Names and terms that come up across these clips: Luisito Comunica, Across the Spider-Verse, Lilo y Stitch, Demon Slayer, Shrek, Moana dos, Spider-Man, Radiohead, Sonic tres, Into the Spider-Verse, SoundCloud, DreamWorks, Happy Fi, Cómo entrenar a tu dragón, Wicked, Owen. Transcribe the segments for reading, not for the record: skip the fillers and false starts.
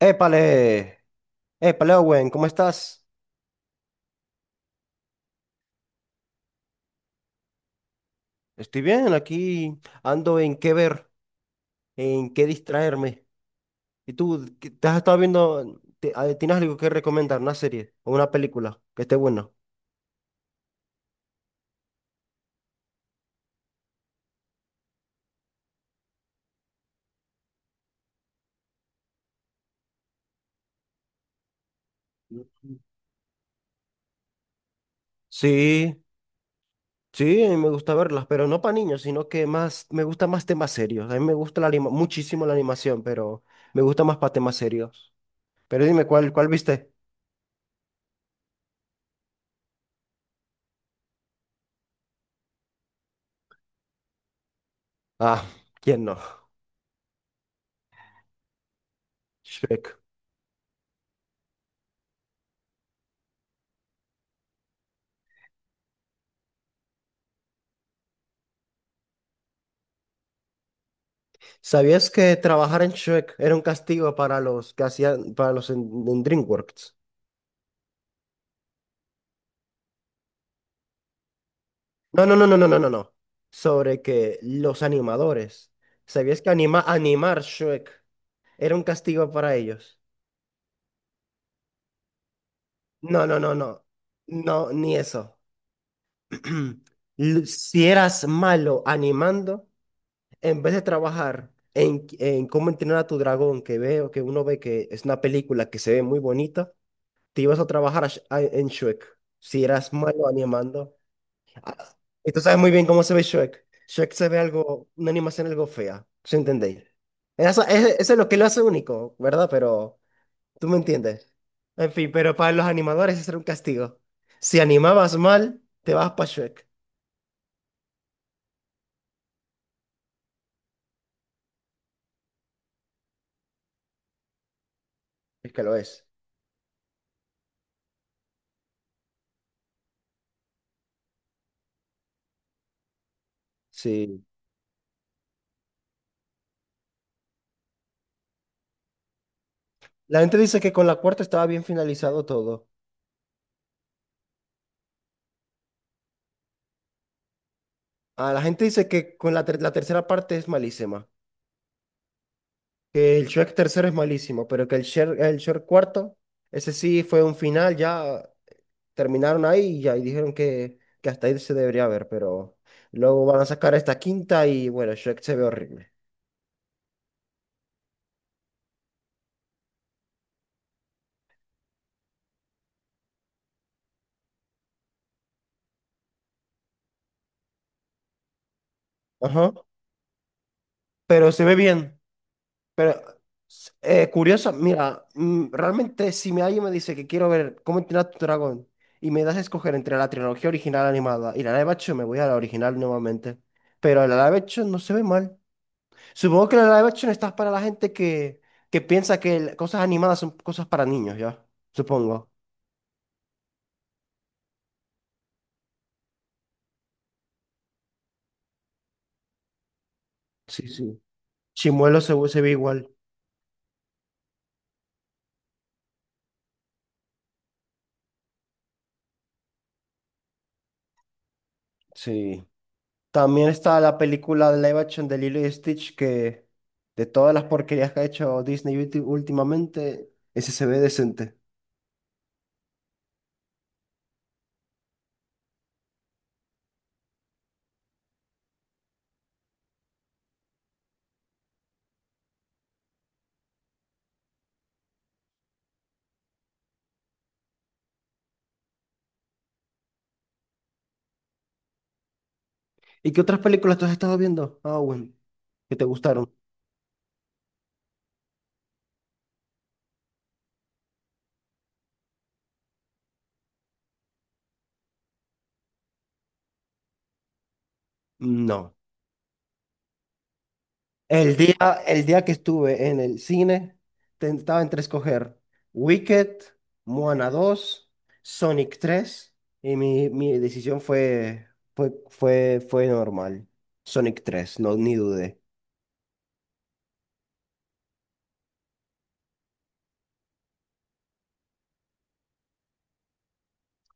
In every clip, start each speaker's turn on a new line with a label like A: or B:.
A: Épale, Owen, ¿cómo estás? Estoy bien, aquí ando en qué ver, en qué distraerme. Y tú, ¿te has estado viendo, tienes algo que recomendar, una serie o una película que esté buena? Ujú. Sí, sí, me gusta verlas, pero no para niños, sino que más, me gusta más temas serios. A mí me gusta muchísimo la animación, pero me gusta más para temas serios. Pero dime, ¿cuál viste? Ah, ¿quién no? Shrek. ¿Sabías que trabajar en Shrek era un castigo para los que hacían, para en DreamWorks? No, no. Sobre que los animadores. ¿Sabías que animar Shrek era un castigo para ellos? No. No, ni eso. Si eras malo animando, en vez de trabajar en cómo entrenar a tu dragón, que veo, que uno ve que es una película que se ve muy bonita, te ibas a trabajar a en Shrek. Si eras malo animando. Ah, y tú sabes muy bien cómo se ve Shrek. Shrek se ve algo, una animación algo fea, ¿sí entendéis? Eso, eso es lo que lo hace único, ¿verdad? Pero tú me entiendes. En fin, pero para los animadores eso era un castigo. Si animabas mal, te vas para Shrek. Es que lo es. Sí. La gente dice que con la cuarta estaba bien finalizado todo. Ah, la gente dice que con la tercera parte es malísima. Que el Shrek tercero es malísimo, pero que el Shrek cuarto, ese sí fue un final ya. Terminaron ahí y ya, y dijeron que hasta ahí se debería ver, pero luego van a sacar esta quinta y bueno, Shrek se ve horrible. Ajá, pero se ve bien. Pero curiosa, mira, realmente si me alguien me dice que quiero ver cómo entrenar a tu dragón y me das a escoger entre la trilogía original animada y la live action, me voy a la original nuevamente. Pero la live action no se ve mal. Supongo que la live action está para la gente que piensa que cosas animadas son cosas para niños, ¿ya? Supongo. Sí, sí. Chimuelo se ve igual. Sí. También está la película de live action de Lilo y Stitch, que de todas las porquerías que ha hecho Disney últimamente, ese se ve decente. ¿Y qué otras películas tú has estado viendo, Owen, que te gustaron? No. El día, el día que estuve en el cine, tentaba entre escoger Wicked, Moana 2, Sonic 3 y mi decisión fue normal. Sonic 3, no, ni dudé.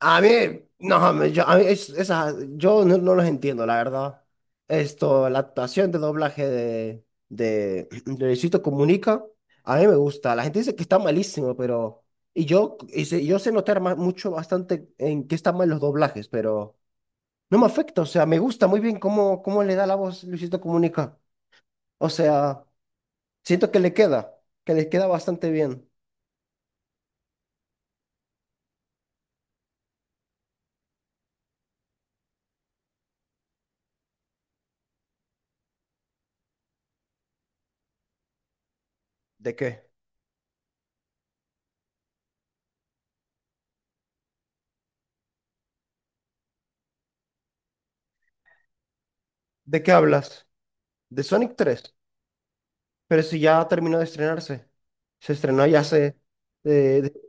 A: A mí, no, yo, a mí yo no, no los entiendo, la verdad. Esto, la actuación de doblaje de Luisito Comunica, a mí me gusta. La gente dice que está malísimo, pero... Y yo, y yo sé notar mucho, bastante en qué están mal los doblajes, pero no me afecta. O sea, me gusta muy bien cómo le da la voz Luisito Comunica. O sea, siento que le queda bastante bien. ¿De qué? ¿De qué hablas? ¿De Sonic 3? Pero si ya terminó de estrenarse. Se estrenó ya hace... eh, de-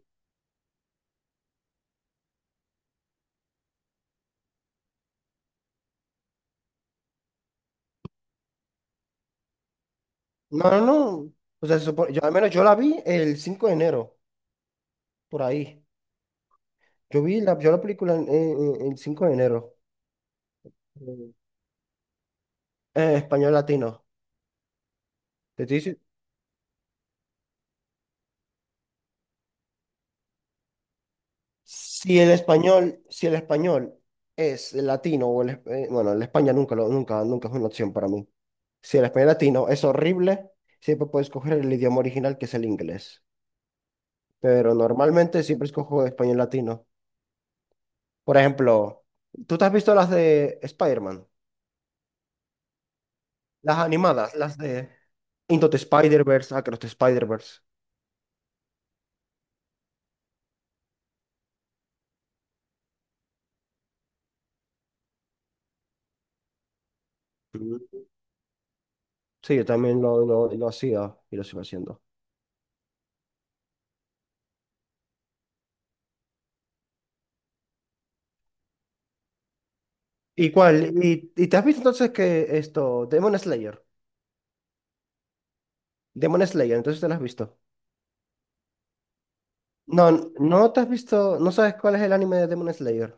A: no, no, no. O sea, yo, al menos yo la vi el 5 de enero, por ahí. Yo vi yo la película el 5 de enero. Mm. Español latino. Te estoy dici- si el español, si el español es el latino bueno, el España nunca, nunca es una opción para mí. Si el español latino es horrible, siempre puedes coger el idioma original que es el inglés. Pero normalmente siempre escojo español latino. Por ejemplo, ¿tú te has visto las de Spider-Man? Las animadas, las de Into the Spider-Verse, Across the Spider-Verse. Mm. Sí, yo también lo hacía y lo sigo haciendo. ¿Y cuál? Y, ¿y te has visto entonces que esto, Demon Slayer? Demon Slayer, entonces te lo has visto. No, no te has visto, no sabes cuál es el anime de Demon Slayer.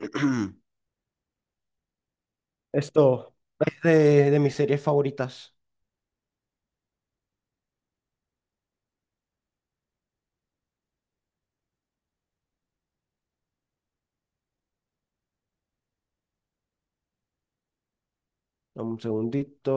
A: Esto, es de mis series favoritas. Dame un segundito.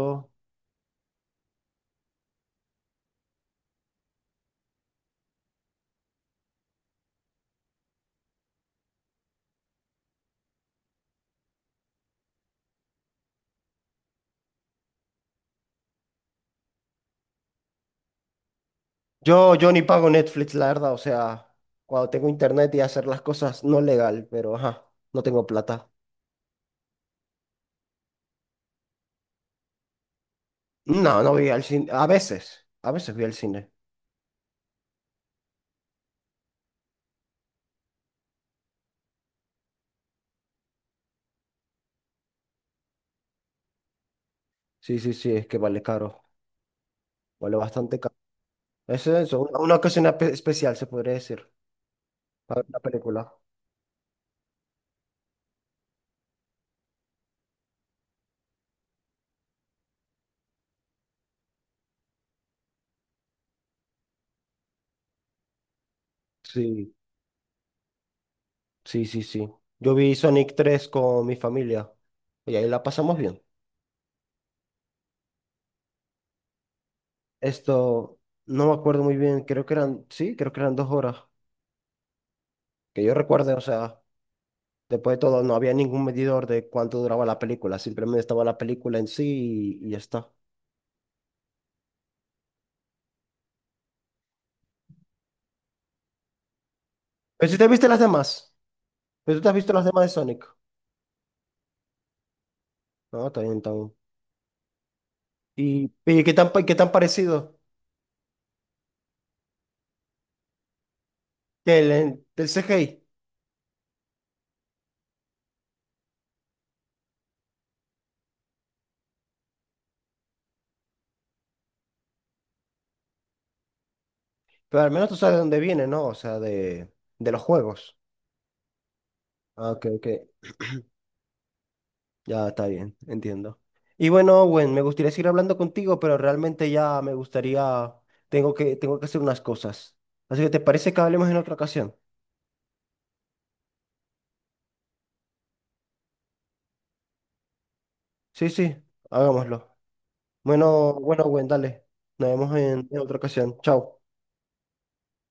A: Yo ni pago Netflix, la verdad, o sea, cuando tengo internet y hacer las cosas no legal, pero ajá, no tengo plata. No, no voy al cine, a veces voy al cine. Sí, sí, sí, es que vale caro, vale bastante caro. Es eso, una ocasión especial se podría decir, para ver la película. Sí, sí, sí, sí. Yo vi Sonic 3 con mi familia y ahí la pasamos bien. Esto, no me acuerdo muy bien, creo que eran, sí, creo que eran 2 horas, que yo recuerde, o sea. Después de todo, no había ningún medidor de cuánto duraba la película, simplemente estaba la película en sí y ya está. Pero si te viste las demás, pero tú te has visto las demás de Sonic. No, está bien, está bien. Y, ¿y qué tan, qué tan parecido que del CGI? Pero al menos tú sabes de dónde viene, ¿no? O sea, de los juegos. Ah, ok, ok. Ya está bien, entiendo. Y bueno, Owen, me gustaría seguir hablando contigo, pero realmente ya me gustaría, tengo tengo que hacer unas cosas. Así que, ¿te parece que hablemos en otra ocasión? Sí, sí, hagámoslo. Bueno, bueno, Gwen, dale. Nos vemos en otra ocasión. Chao.